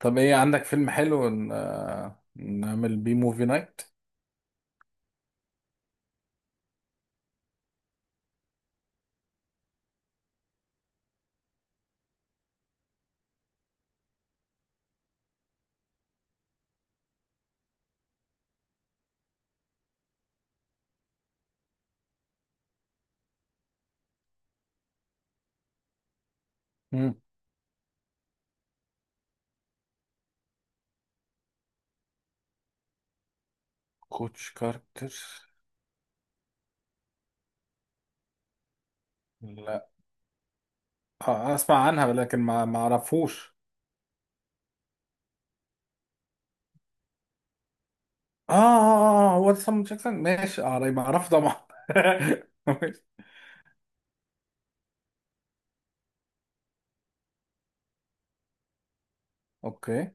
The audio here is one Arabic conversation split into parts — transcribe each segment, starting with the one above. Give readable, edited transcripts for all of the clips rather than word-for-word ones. طب ايه عندك فيلم حلو ن... نعمل بيه موفي نايت. مم. كوتش كارتر. لا اسمع عنها لكن ما اعرفوش. اه هو ده سام جاكسون ماشي، اه ما اعرف طبعا. ماشي. اوكي.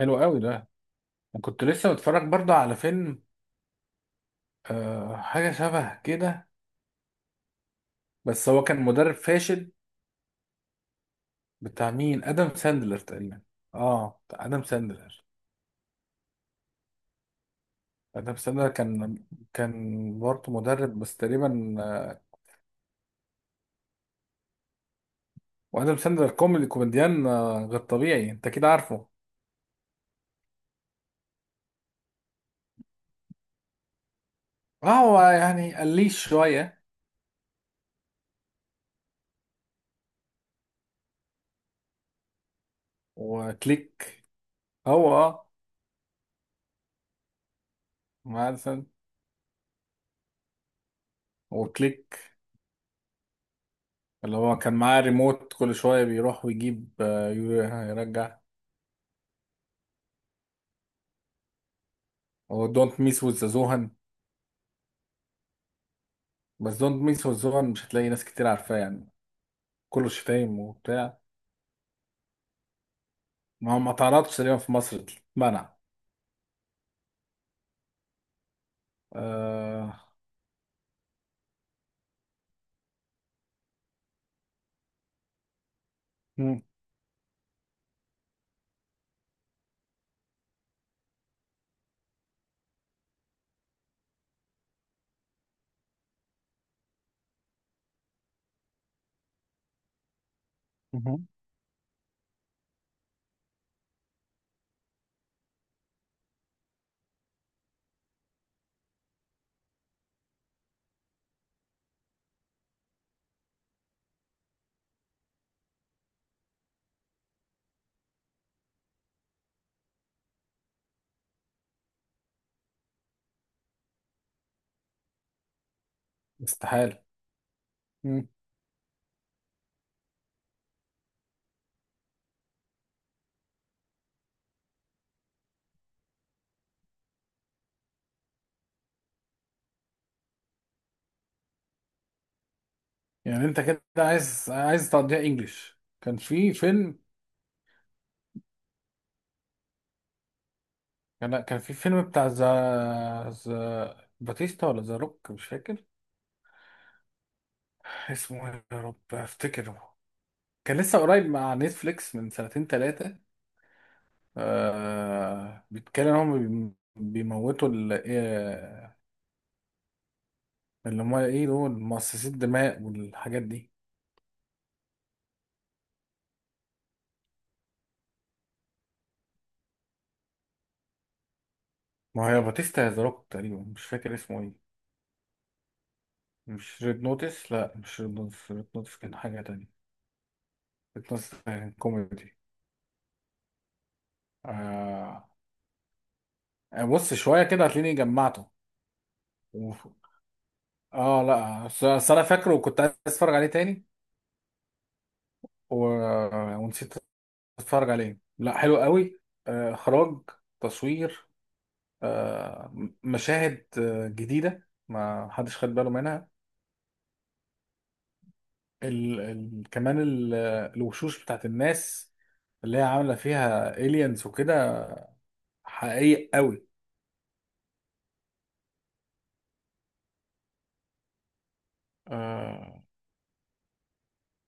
حلو قوي ده، وكنت لسه بتفرج برضه على فيلم آه حاجه شبه كده، بس هو كان مدرب فاشل. بتاع مين؟ ادم ساندلر تقريبا. اه بتاع ادم ساندلر. ادم ساندلر كان كان برضه مدرب بس تقريبا وادم ساندلر كوميدي كوميديان غير طبيعي، انت كده عارفه. اه هو يعني قليش شويه. وكليك. هو اه. مثلا وكليك، اللي هو كان معاه ريموت كل شويه بيروح ويجيب، يرجع. ودونت ميس وذ زوهان، بس دونت ميس وذ زوهان مش هتلاقي ناس كتير عارفاه يعني، كله شتايم وبتاع. ما هو ما اتعرضش تقريبا، في مصر منع. آه. مم، مهم. استحاله. مم. يعني انت كده عايز عايز تقضيها انجلش؟ كان في فيلم، كان كان في فيلم بتاع ذا باتيستا ولا ذا روك مش فاكر اسمه ايه، يا رب افتكره. كان لسه قريب مع نتفليكس من سنتين ثلاثة، آه بيتكلم ان هم بيم- بيموتوا ال- آه، اللي هم ايه دول مؤسسي الدماء والحاجات دي. ما هي باتيستا يا ذا روك، تقريبا مش فاكر اسمه ايه. مش ريد نوتس، لا مش ريد نوتس، ريد نوتس كان حاجة تانية. ريد نوتس كان كوميدي. آه. بص شوية كده هتلاقيني جمعته. اه لا أصل- أصل انا فاكره وكنت عايز اتفرج عليه تاني و... ونسيت اتفرج عليه. لا حلو قوي، اخراج، تصوير، مشاهد جديده ما حدش خد باله منها. ال... ال... كمان ال... الوشوش بتاعت الناس اللي هي عامله فيها الينز وكده، حقيقي قوي. آه،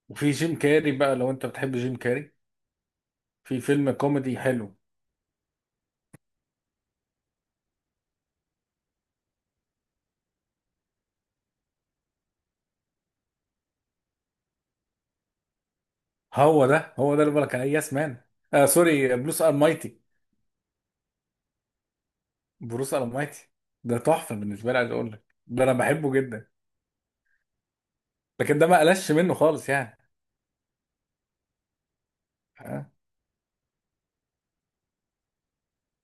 وفي جيم كاري بقى لو انت بتحب جيم كاري، في فيلم كوميدي حلو. هو ده هو ده اللي بقولك عليه، يس مان. آه سوري، بلوس ار، بروس المايتي. ده تحفه بالنسبه لي، عايز اقول لك ده انا بحبه جدا، لكن ده ما قلش منه خالص يعني. ها؟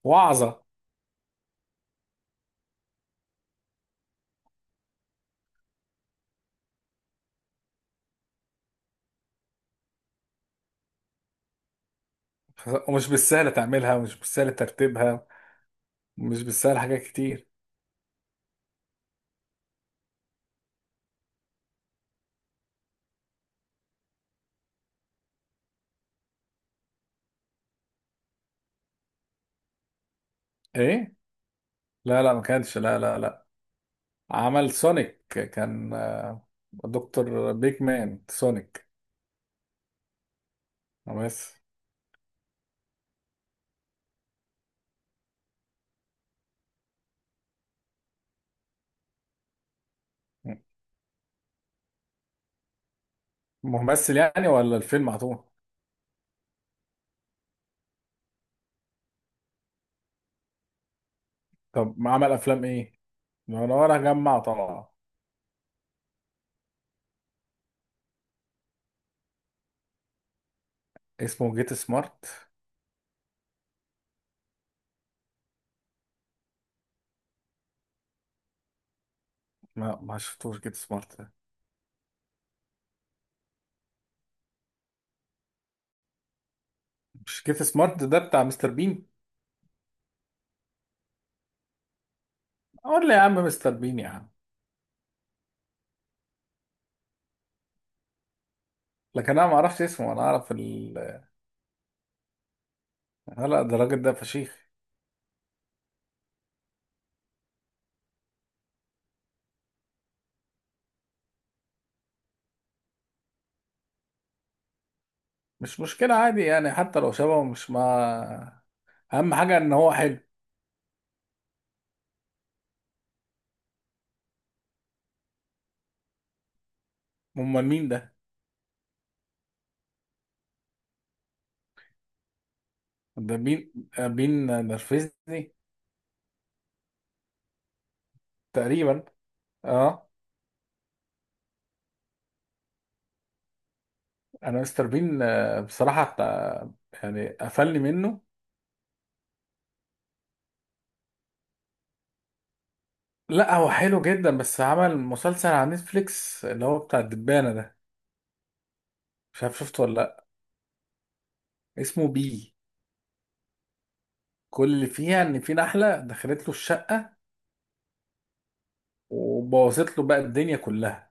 وعظه. ومش بالسهل تعملها ومش بالسهل ترتيبها ومش بالسهل حاجات كتير. ايه. لا لا ما كانش، لا لا لا. عمل سونيك كان دكتور بيج مان سونيك. بس ممثل يعني ولا الفيلم على طول؟ طب ما عمل افلام ايه، ما انا ورا جمع طبعا. اسمه جيت سمارت؟ ما شفتوش جيت سمارت. مش كيف سمارت ده بتاع مستر بين؟ قول لي يا عم مستر بين يا عم. لكن انا ما اعرفش اسمه، انا اعرف ال... هلا ده الراجل ده فشيخ. مش مشكله، عادي يعني، حتى لو شبهه مش ما، اهم حاجه ان هو حلو. امال مين ده؟ ده بين، بين نرفزني. تقريبا. اه انا مستر بين بصراحه يعني قفلني منه. لا هو حلو جدا، بس عمل مسلسل على نتفليكس اللي هو بتاع الدبانه ده، مش عارف شفته ولا لا. اسمه بي. كل اللي فيها ان في نحله دخلت له الشقه وبوظت له بقى الدنيا كلها،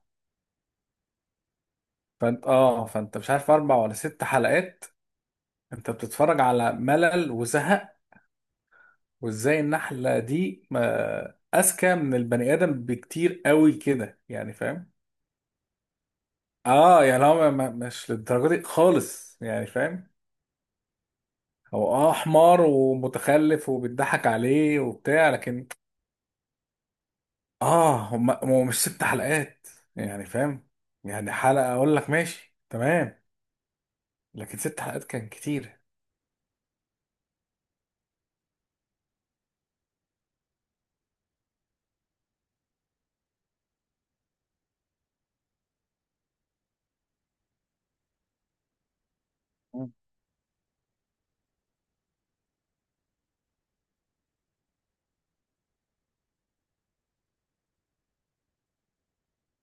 فانت اه فانت مش عارف اربع ولا ست حلقات انت بتتفرج على ملل وزهق، وازاي النحله دي ما اذكى من البني ادم بكتير قوي كده، يعني فاهم. اه يعني هو مش للدرجه دي خالص يعني فاهم، هو اه حمار ومتخلف وبيضحك عليه وبتاع لكن، اه هم هو مش ست حلقات يعني فاهم، يعني حلقة اقول لك ماشي تمام، لكن ست حلقات كان كتير. مم.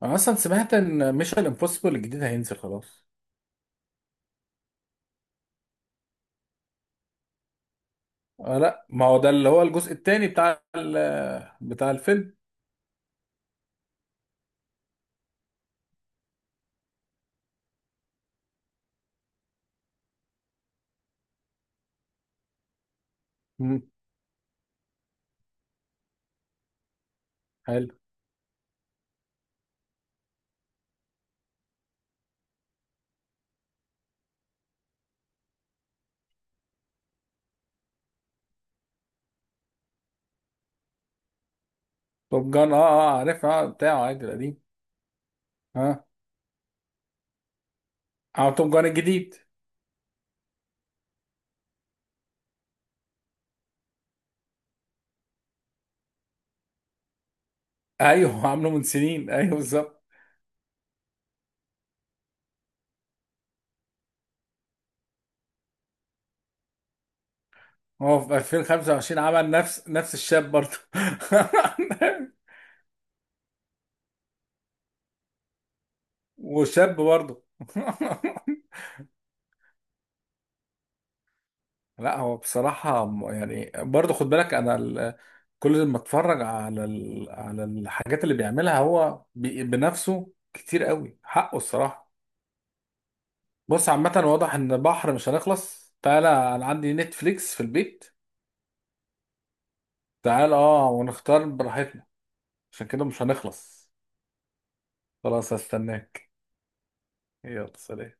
انا اصلا سمعت ان ميشن امبوسيبل الجديد هينزل خلاص. لا ما هو ده اللي هو الجزء التاني بتاع ال- بتاع الفيلم. مم. حلو. توب جان، اه اه عارف، اه بتاعه عادي القديم. اه اه توب جان الجديد. ايوه، عامله من سنين ايوه بالظبط. هو في 2025 عمل نفس نفس الشاب برضه. وشاب برضه. لا هو بصراحة م- يعني برضه خد بالك أنا ال- كل ما اتفرج على ال... على الحاجات اللي بيعملها هو بي... بنفسه كتير قوي حقه الصراحة. بص عامة واضح إن بحر مش هنخلص، تعالى. أنا عندي نتفليكس في البيت. تعال أه ونختار براحتنا، عشان كده مش هنخلص. خلاص هستناك. يلا، سلام.